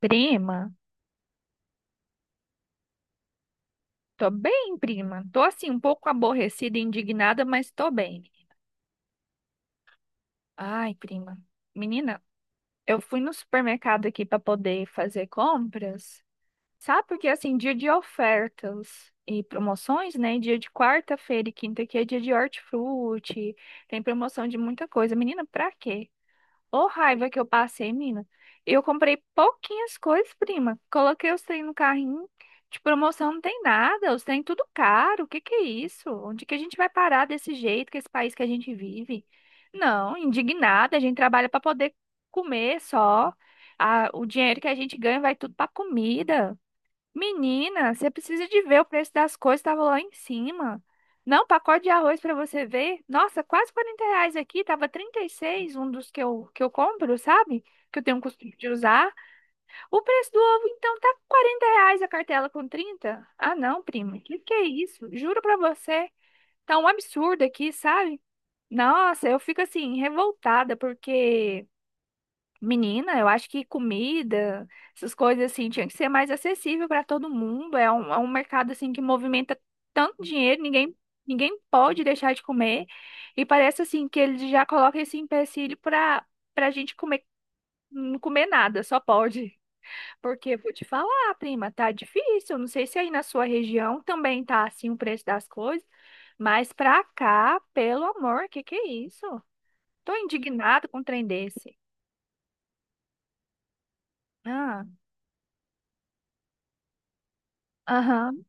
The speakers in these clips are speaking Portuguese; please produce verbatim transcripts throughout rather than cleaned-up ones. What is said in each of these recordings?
Prima, tô bem, prima. Tô assim, um pouco aborrecida e indignada, mas tô bem. Ai, prima. Menina, eu fui no supermercado aqui pra poder fazer compras. Sabe porque assim, dia de ofertas e promoções, né? Dia de quarta-feira e quinta aqui é dia de hortifruti. Tem promoção de muita coisa. Menina, pra quê? Ô, raiva que eu passei, mina. Eu comprei pouquinhas coisas, prima. Coloquei os trem no carrinho. De promoção não tem nada. Os trem tudo caro. O que que é isso? Onde que a gente vai parar desse jeito, com esse país que a gente vive? Não, indignada. A gente trabalha para poder comer só. Ah, o dinheiro que a gente ganha vai tudo para comida. Menina, você precisa de ver o preço das coisas, estava lá em cima. Não, pacote de arroz para você ver. Nossa, quase quarenta reais aqui, tava trinta e seis. um dos que eu, que eu compro, sabe? Que eu tenho o costume de usar. O preço do ovo, então, tá quarenta reais a cartela com trinta. Ah, não, prima, que que é isso? Juro para você, tá um absurdo aqui, sabe? Nossa, eu fico assim, revoltada, porque Menina, eu acho que comida, essas coisas assim, tinha que ser mais acessível para todo mundo. É um, é um mercado assim que movimenta tanto dinheiro, ninguém, ninguém pode deixar de comer. E parece assim que eles já colocam esse empecilho para para gente comer, não comer nada, só pode. Porque vou te falar, prima, tá difícil. Não sei se aí na sua região também tá assim o preço das coisas, mas pra cá, pelo amor, que que é isso? Tô indignado com um trem desse. Ah, aham.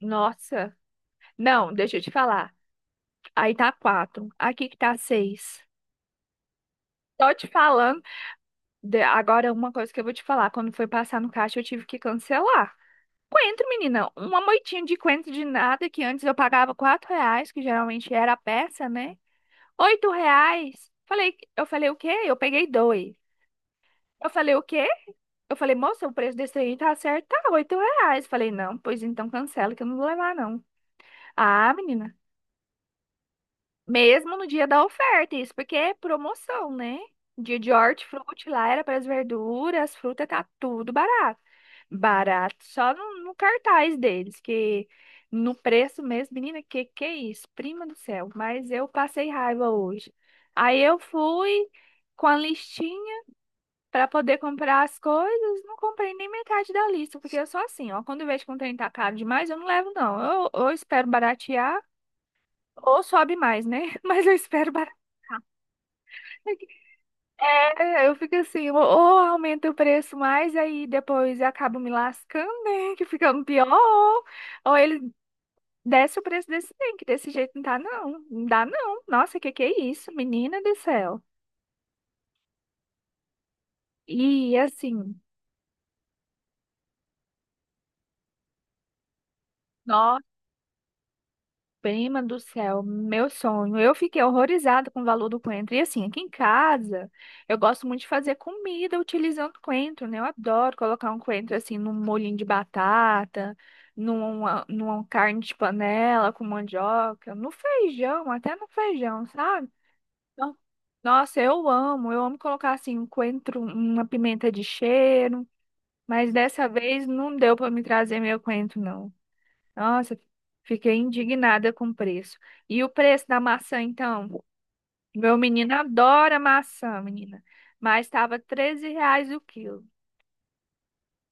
Nossa. Não, deixa eu te falar. Aí tá quatro. Aqui que tá seis. Tô te falando. de- Agora, uma coisa que eu vou te falar. Quando foi passar no caixa, eu tive que cancelar. Coentro, menina. Uma moitinha de coentro de nada que antes eu pagava quatro reais, que geralmente era a peça, né? Oito reais. Falei, eu falei o quê? Eu peguei dois. Eu falei o quê? Eu falei, moça, o preço desse aí tá certo, tá oito reais. Falei, não, pois então cancela que eu não vou levar, não. Ah, menina. Mesmo no dia da oferta, isso porque é promoção, né? Dia de hortifruti lá era para as verduras, as frutas, tá tudo barato. Barato só no, no cartaz deles, que no preço mesmo, menina, que que é isso? Prima do céu, mas eu passei raiva hoje. Aí eu fui com a listinha para poder comprar as coisas, não comprei nem metade da lista, porque eu sou assim, ó, quando eu vejo que um trem tá caro demais, eu não levo não. Eu, eu espero baratear ou sobe mais, né? Mas eu espero baratear. É, eu fico assim, ou, ou aumenta o preço mais, aí depois eu acabo me lascando, né? Que ficando pior, ou, ou ele desce o preço desse trem, que desse jeito não dá, não. Não dá, não. Nossa, que que é isso, menina do céu? E assim, Prima do céu, meu sonho. Eu fiquei horrorizada com o valor do coentro. E assim, aqui em casa, eu gosto muito de fazer comida utilizando coentro, né? Eu adoro colocar um coentro assim num molhinho de batata, numa, numa carne de panela com mandioca, no feijão, até no feijão, sabe? Então, Nossa, eu amo. Eu amo colocar assim um coentro, uma pimenta de cheiro. Mas dessa vez não deu para me trazer meu coentro, não. Nossa, fiquei indignada com o preço. E o preço da maçã, então? Meu menino adora maçã, menina. Mas estava treze reais o quilo.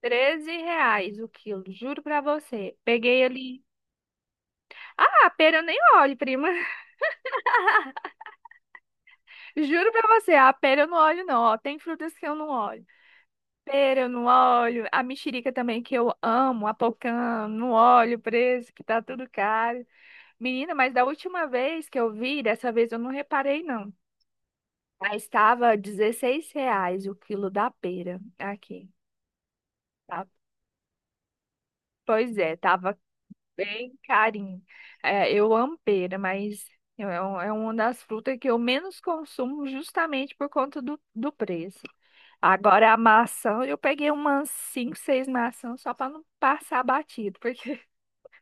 Treze reais o quilo, juro pra você. Peguei ali. Ah, a pera eu nem olho, prima. Juro pra você, a pera eu não olho, não. Ó, tem frutas que eu não olho. Pera eu não olho. A mexerica também que eu amo. A pocã, não olho o preço, que tá tudo caro. Menina, mas da última vez que eu vi, dessa vez eu não reparei, não. Aí estava dezesseis reais o quilo da pera aqui, tá? Pois é, tava bem carinho. É, eu amo pera, mas é um- é uma das frutas que eu menos consumo justamente por conta do, do preço. Agora a maçã, eu peguei umas cinco, seis maçãs só para não passar batido, porque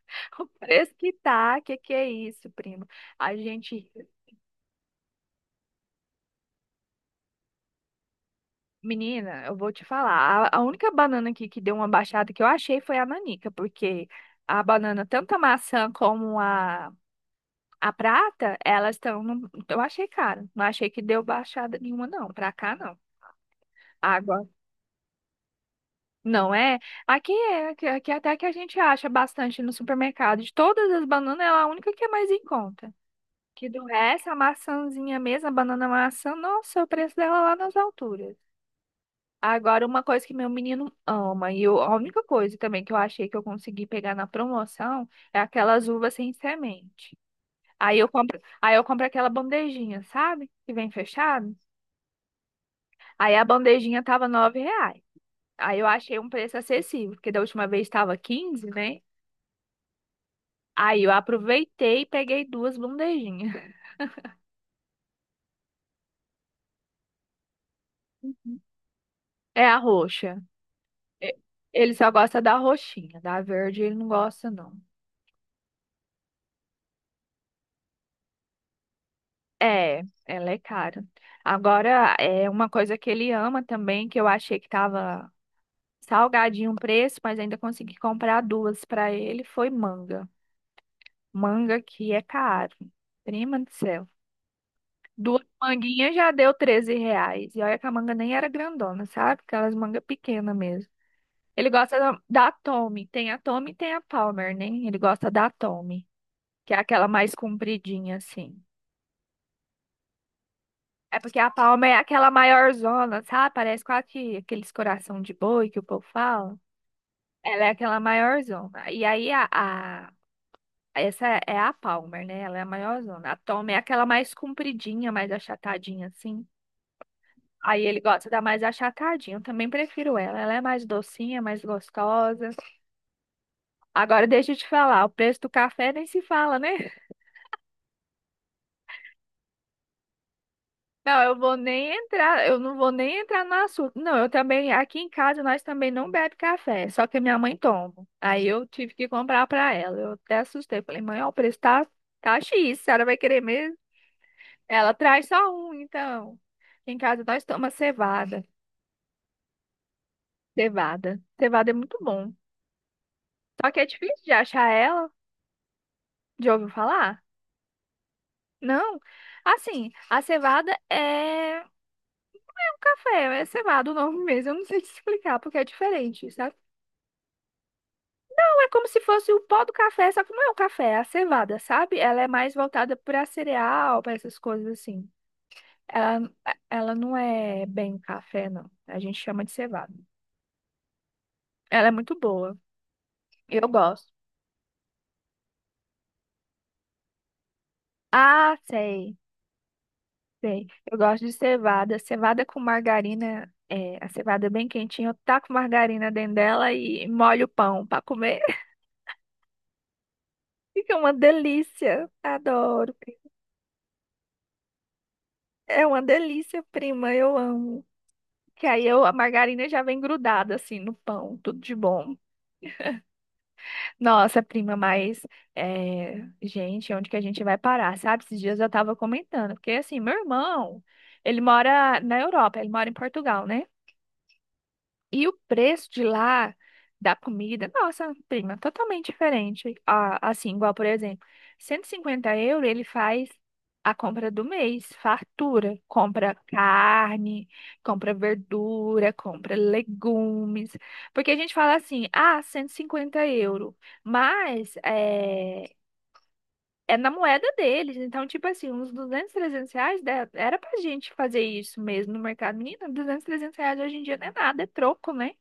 o preço que tá, que que é isso, primo? A gente Menina, eu vou te falar. A, a única banana aqui que deu uma baixada que eu achei foi a nanica, porque a banana, tanto a maçã como a, a prata, elas estão. num- Eu achei cara. Não achei que deu baixada nenhuma, não. Pra cá, não. Água. Não é? Aqui é, aqui, aqui até que a gente acha bastante no supermercado. De todas as bananas, é a única que é mais em conta. Que do resto, a maçãzinha mesmo, a banana maçã, nossa, o preço dela lá nas alturas. Agora, uma coisa que meu menino ama, e eu- a única coisa também que eu achei que eu consegui pegar na promoção é aquelas uvas sem semente. Aí eu compro, aí eu compro aquela bandejinha, sabe? Que vem fechado. Aí a bandejinha tava nove reais. Aí eu achei um preço acessível, porque da última vez estava quinze, né? Aí eu aproveitei e peguei duas bandejinhas. É a roxa. E- Ele só gosta da roxinha, da verde ele não gosta, não. É, ela é cara. Agora, é uma coisa que ele ama também, que eu achei que tava salgadinho o preço, mas ainda consegui comprar duas para ele, foi manga. Manga que é caro. Prima do céu. Duas manguinhas já deu treze reais. E olha que a manga nem era grandona, sabe? Aquelas mangas pequenas mesmo. Ele gosta da, da Tommy. Tem a Tommy e tem a Palmer, né? Ele gosta da Tommy, que é aquela mais compridinha, assim. É porque a palma é aquela maior zona, sabe? Parece quase que aqueles coração de boi que o povo fala. Ela é aquela maior zona. E aí a, a- essa é a Palmer, né? Ela é a maior zona. A Tom é aquela mais compridinha, mais achatadinha assim. Aí ele gosta da mais achatadinha. Eu também prefiro ela. Ela é mais docinha, mais gostosa. Agora deixa eu te falar, o preço do café nem se fala, né? Não, eu vou nem entrar, eu não vou nem entrar no assunto. Não, eu também, aqui em casa nós também não bebe café, só que a minha mãe toma. Aí eu tive que comprar para ela. Eu até assustei, falei: "Mãe, ó, o preço tá tá X, a senhora vai querer mesmo?" Ela traz só um, então. Em casa nós tomamos cevada, cevada. Cevada é muito bom. Só que é difícil de achar ela. Já ouviu falar? Não. Assim, a cevada é um café, é cevada o nome mesmo. Eu não sei te explicar porque é diferente. É como se fosse o pó do café, só que não é o café, é a cevada, sabe? Ela é mais voltada para cereal, para essas coisas assim. Ela, ela não é bem café, não. A gente chama de cevada. Ela é muito boa. Eu gosto. Ah, sei, sei. Eu gosto de cevada. Cevada com margarina. É, a cevada é bem quentinha. Eu taco margarina dentro dela e molho o pão para comer. Fica uma delícia. Adoro. É uma delícia, prima. Eu amo. Que aí eu, a margarina já vem grudada assim no pão, tudo de bom. Nossa, prima, mas é, gente, onde que a gente vai parar, sabe? Esses dias eu tava comentando, porque assim, meu irmão, ele mora na Europa, ele mora em Portugal, né? E o preço de lá da comida, nossa, prima, totalmente diferente. Ah, assim, igual, por exemplo, cento e cinquenta euros ele faz a compra do mês, fartura. Compra carne, compra verdura, compra legumes. Porque a gente fala assim, ah, cento e cinquenta euros. Mas é, é na moeda deles. Então, tipo assim, uns duzentos trezentos reais dá- era pra gente fazer isso mesmo no mercado. Menina, duzentos trezentos reais hoje em dia não é nada, é troco, né?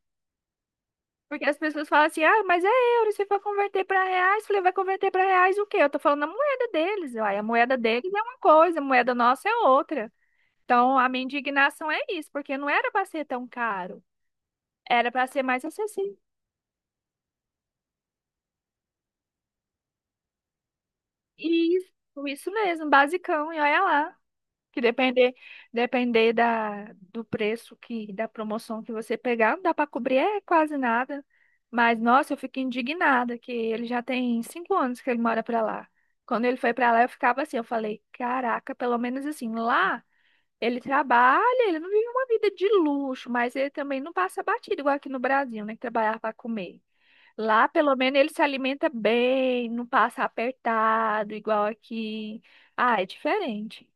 Porque as pessoas falam assim, ah, mas é euro, se for converter para reais, eu falei, vai converter para reais o quê? Eu tô falando a moeda deles, uai, a moeda deles é uma coisa, a moeda nossa é outra. Então, a minha indignação é isso, porque não era para ser tão caro, era para ser mais acessível. E isso, isso mesmo, basicão, e olha lá. Que depender, depender da, do preço que, da promoção que você pegar, não dá para cobrir é quase nada. Mas, nossa, eu fico indignada que ele já tem cinco anos que ele mora para lá. Quando ele foi para lá, eu ficava assim, eu falei, caraca, pelo menos assim, lá ele trabalha, ele não vive uma vida de luxo, mas ele também não passa batido, igual aqui no Brasil, né? Que trabalhar para comer. Lá, pelo menos, ele se alimenta bem, não passa apertado, igual aqui. Ah, é diferente.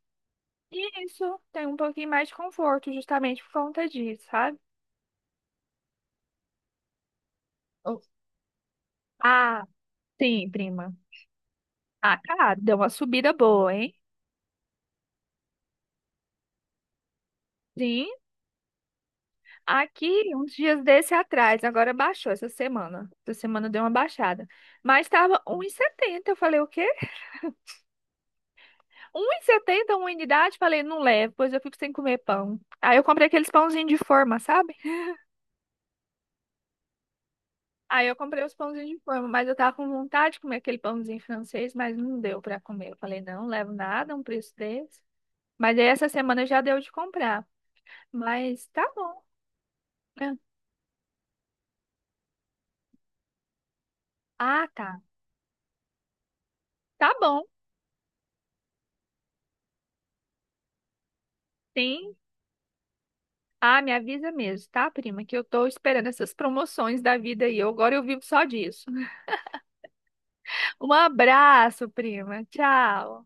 E isso tem um pouquinho mais de conforto, justamente por conta disso, sabe? Oh, Ah, sim, prima. Ah, cara, deu uma subida boa, hein? Sim, aqui uns dias desse atrás, agora baixou essa semana. Essa semana deu uma baixada. Mas estava um e setenta. Eu falei, o quê? Um e setenta uma unidade? Falei, não levo, pois eu fico sem comer pão. Aí eu comprei aqueles pãozinhos de forma, sabe? Aí eu comprei os pãozinhos de forma, mas eu tava com vontade de comer aquele pãozinho francês, mas não deu pra comer. Eu falei, não, levo nada, um preço desse. Mas aí essa semana já deu de comprar. Mas tá bom. É. Ah, tá. Tá bom. Sim. Ah, me avisa mesmo, tá, prima? Que eu tô esperando essas promoções da vida aí. Eu- Agora eu vivo só disso. Um abraço, prima. Tchau.